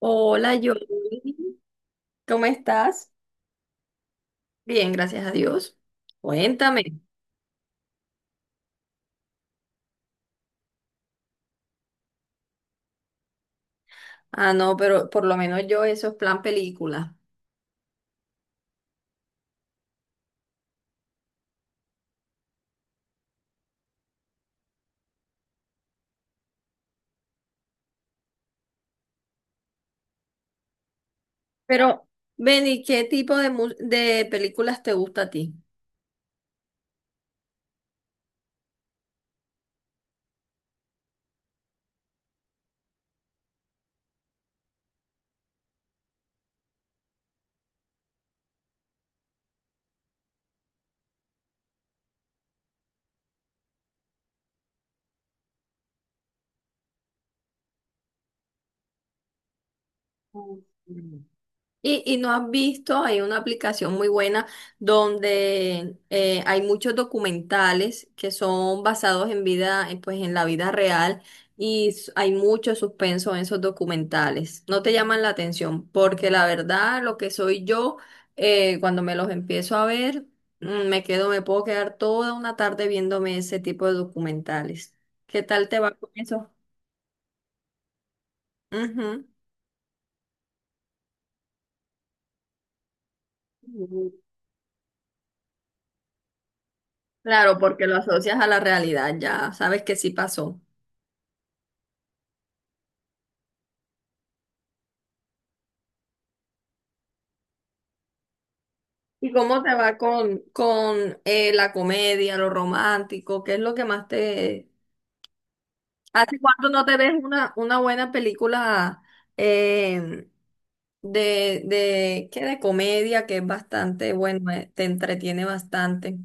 Hola, yo. ¿Cómo estás? Bien, gracias a Dios. Cuéntame. Ah, no, pero por lo menos yo eso es plan película. Pero, Benny, ¿qué tipo de películas te gusta a ti? Mm. Y no has visto, hay una aplicación muy buena donde hay muchos documentales que son basados en vida, pues en la vida real y hay mucho suspenso en esos documentales. No te llaman la atención porque la verdad lo que soy yo, cuando me los empiezo a ver, me quedo, me puedo quedar toda una tarde viéndome ese tipo de documentales. ¿Qué tal te va con eso? Ujú. Claro, porque lo asocias a la realidad, ya sabes que sí pasó. ¿Y cómo te va con la comedia, lo romántico? ¿Qué es lo que más te... ¿Hace cuánto no te ves una buena película eh, de, ¿qué? De comedia que es bastante, bueno, te entretiene bastante?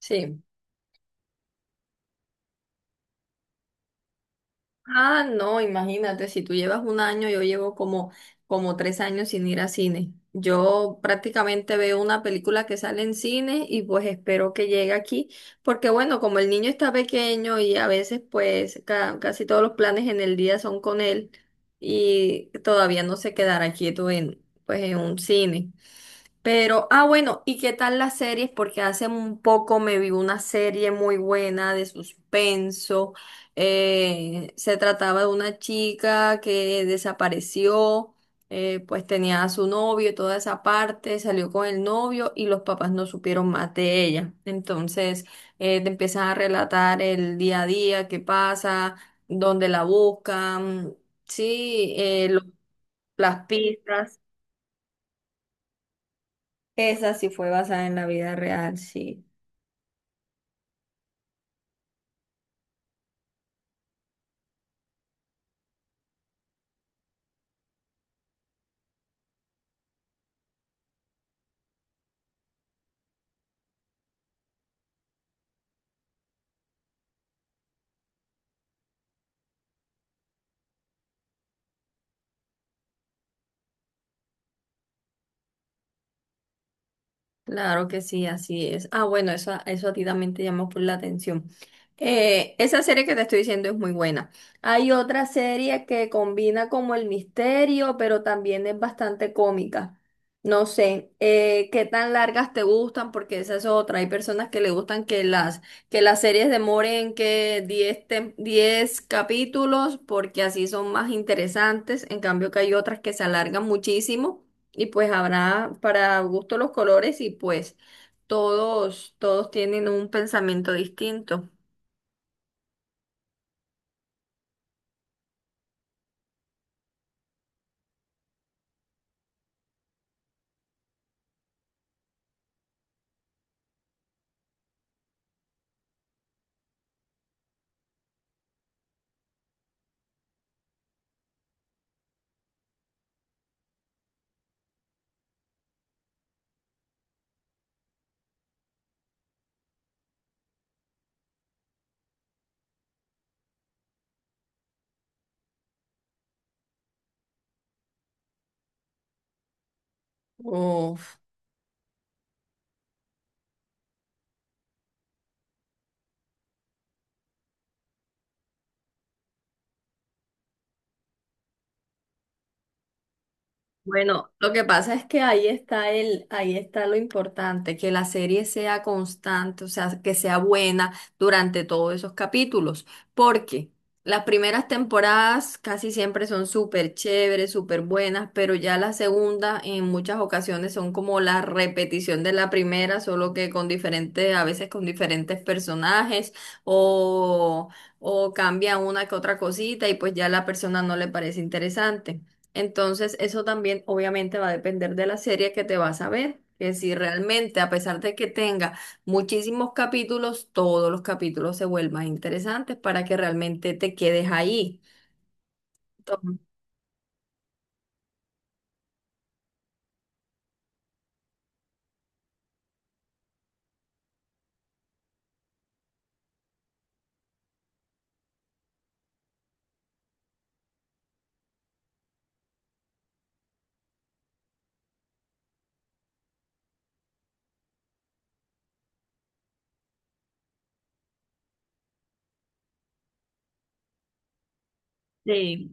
Sí. Ah, no, imagínate, si tú llevas un año, yo llevo como, como 3 años sin ir a cine. Yo prácticamente veo una película que sale en cine y pues espero que llegue aquí, porque bueno, como el niño está pequeño y a veces pues casi todos los planes en el día son con él y todavía no se quedará quieto en, pues, en un cine. Pero, ah, bueno, ¿y qué tal las series? Porque hace un poco me vi una serie muy buena de suspenso. Se trataba de una chica que desapareció, pues tenía a su novio y toda esa parte, salió con el novio y los papás no supieron más de ella. Entonces, te empiezan a relatar el día a día, qué pasa, dónde la buscan, sí, las pistas. Esa sí fue basada en la vida real, sí. Claro que sí, así es. Ah, bueno, eso a ti también te llamó por la atención. Esa serie que te estoy diciendo es muy buena. Hay otra serie que combina como el misterio, pero también es bastante cómica. No sé, qué tan largas te gustan, porque esa es otra. Hay personas que le gustan que las series demoren que 10 capítulos, porque así son más interesantes. En cambio que hay otras que se alargan muchísimo y pues habrá para gusto los colores y pues todos, todos tienen un pensamiento distinto. Uf. Bueno, lo que pasa es que ahí está ahí está lo importante, que la serie sea constante, o sea, que sea buena durante todos esos capítulos, porque las primeras temporadas casi siempre son súper chéveres, súper buenas, pero ya la segunda en muchas ocasiones son como la repetición de la primera, solo que con diferentes, a veces con diferentes personajes o, o cambia una que otra cosita y pues ya a la persona no le parece interesante. Entonces, eso también obviamente va a depender de la serie que te vas a ver. Que si realmente, a pesar de que tenga muchísimos capítulos, todos los capítulos se vuelvan interesantes para que realmente te quedes ahí. Entonces,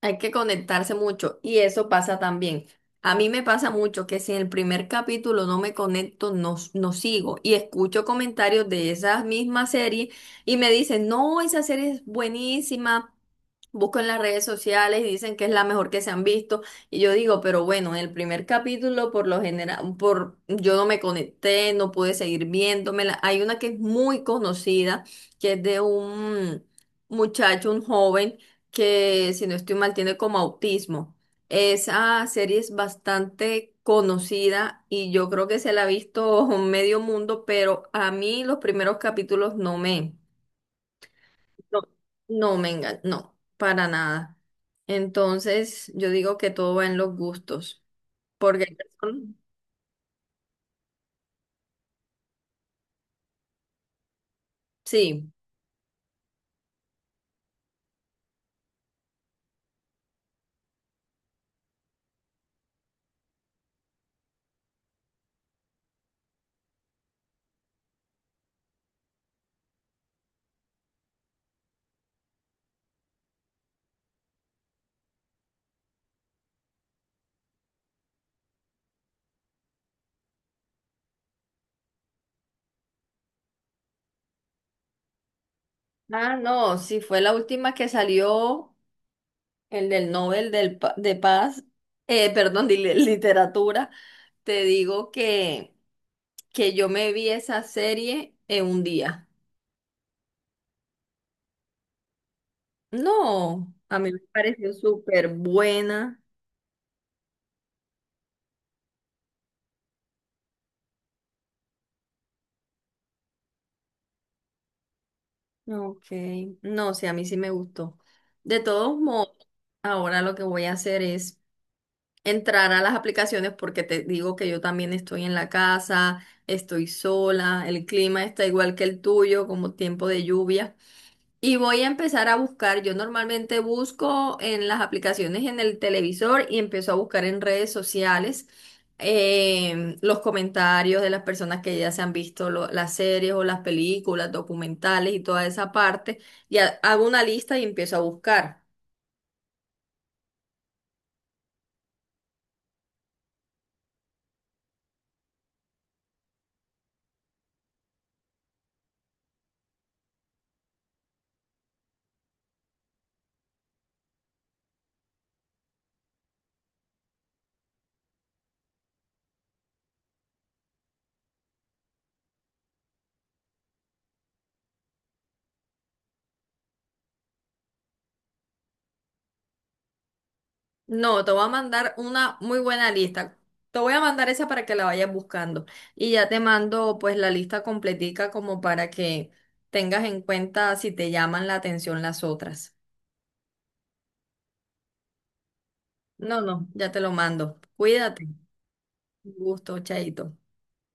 hay que conectarse mucho y eso pasa también. A mí me pasa mucho que si en el primer capítulo no me conecto, no, no sigo y escucho comentarios de esas mismas series y me dicen, no, esa serie es buenísima, busco en las redes sociales y dicen que es la mejor que se han visto y yo digo, pero bueno, en el primer capítulo por lo general, por, yo no me conecté, no pude seguir viéndomela. Hay una que es muy conocida, que es de un muchacho, un joven que si no estoy mal tiene como autismo. Esa serie es bastante conocida y yo creo que se la ha visto medio mundo, pero a mí los primeros capítulos no, no, para nada. Entonces yo digo que todo va en los gustos, porque hay sí. Ah, no, sí, fue la última que salió, el del Nobel del, de Paz, perdón, de literatura. Te digo que yo me vi esa serie en un día. No, a mí me pareció súper buena. Ok, no, sí, a mí sí me gustó. De todos modos, ahora lo que voy a hacer es entrar a las aplicaciones porque te digo que yo también estoy en la casa, estoy sola, el clima está igual que el tuyo, como tiempo de lluvia. Y voy a empezar a buscar. Yo normalmente busco en las aplicaciones en el televisor y empiezo a buscar en redes sociales los comentarios de las personas que ya se han visto las series o las películas, documentales y toda esa parte. Y hago una lista y empiezo a buscar. No, te voy a mandar una muy buena lista. Te voy a mandar esa para que la vayas buscando. Y ya te mando pues la lista completica como para que tengas en cuenta si te llaman la atención las otras. No, no, ya te lo mando. Cuídate. Un gusto, chaito.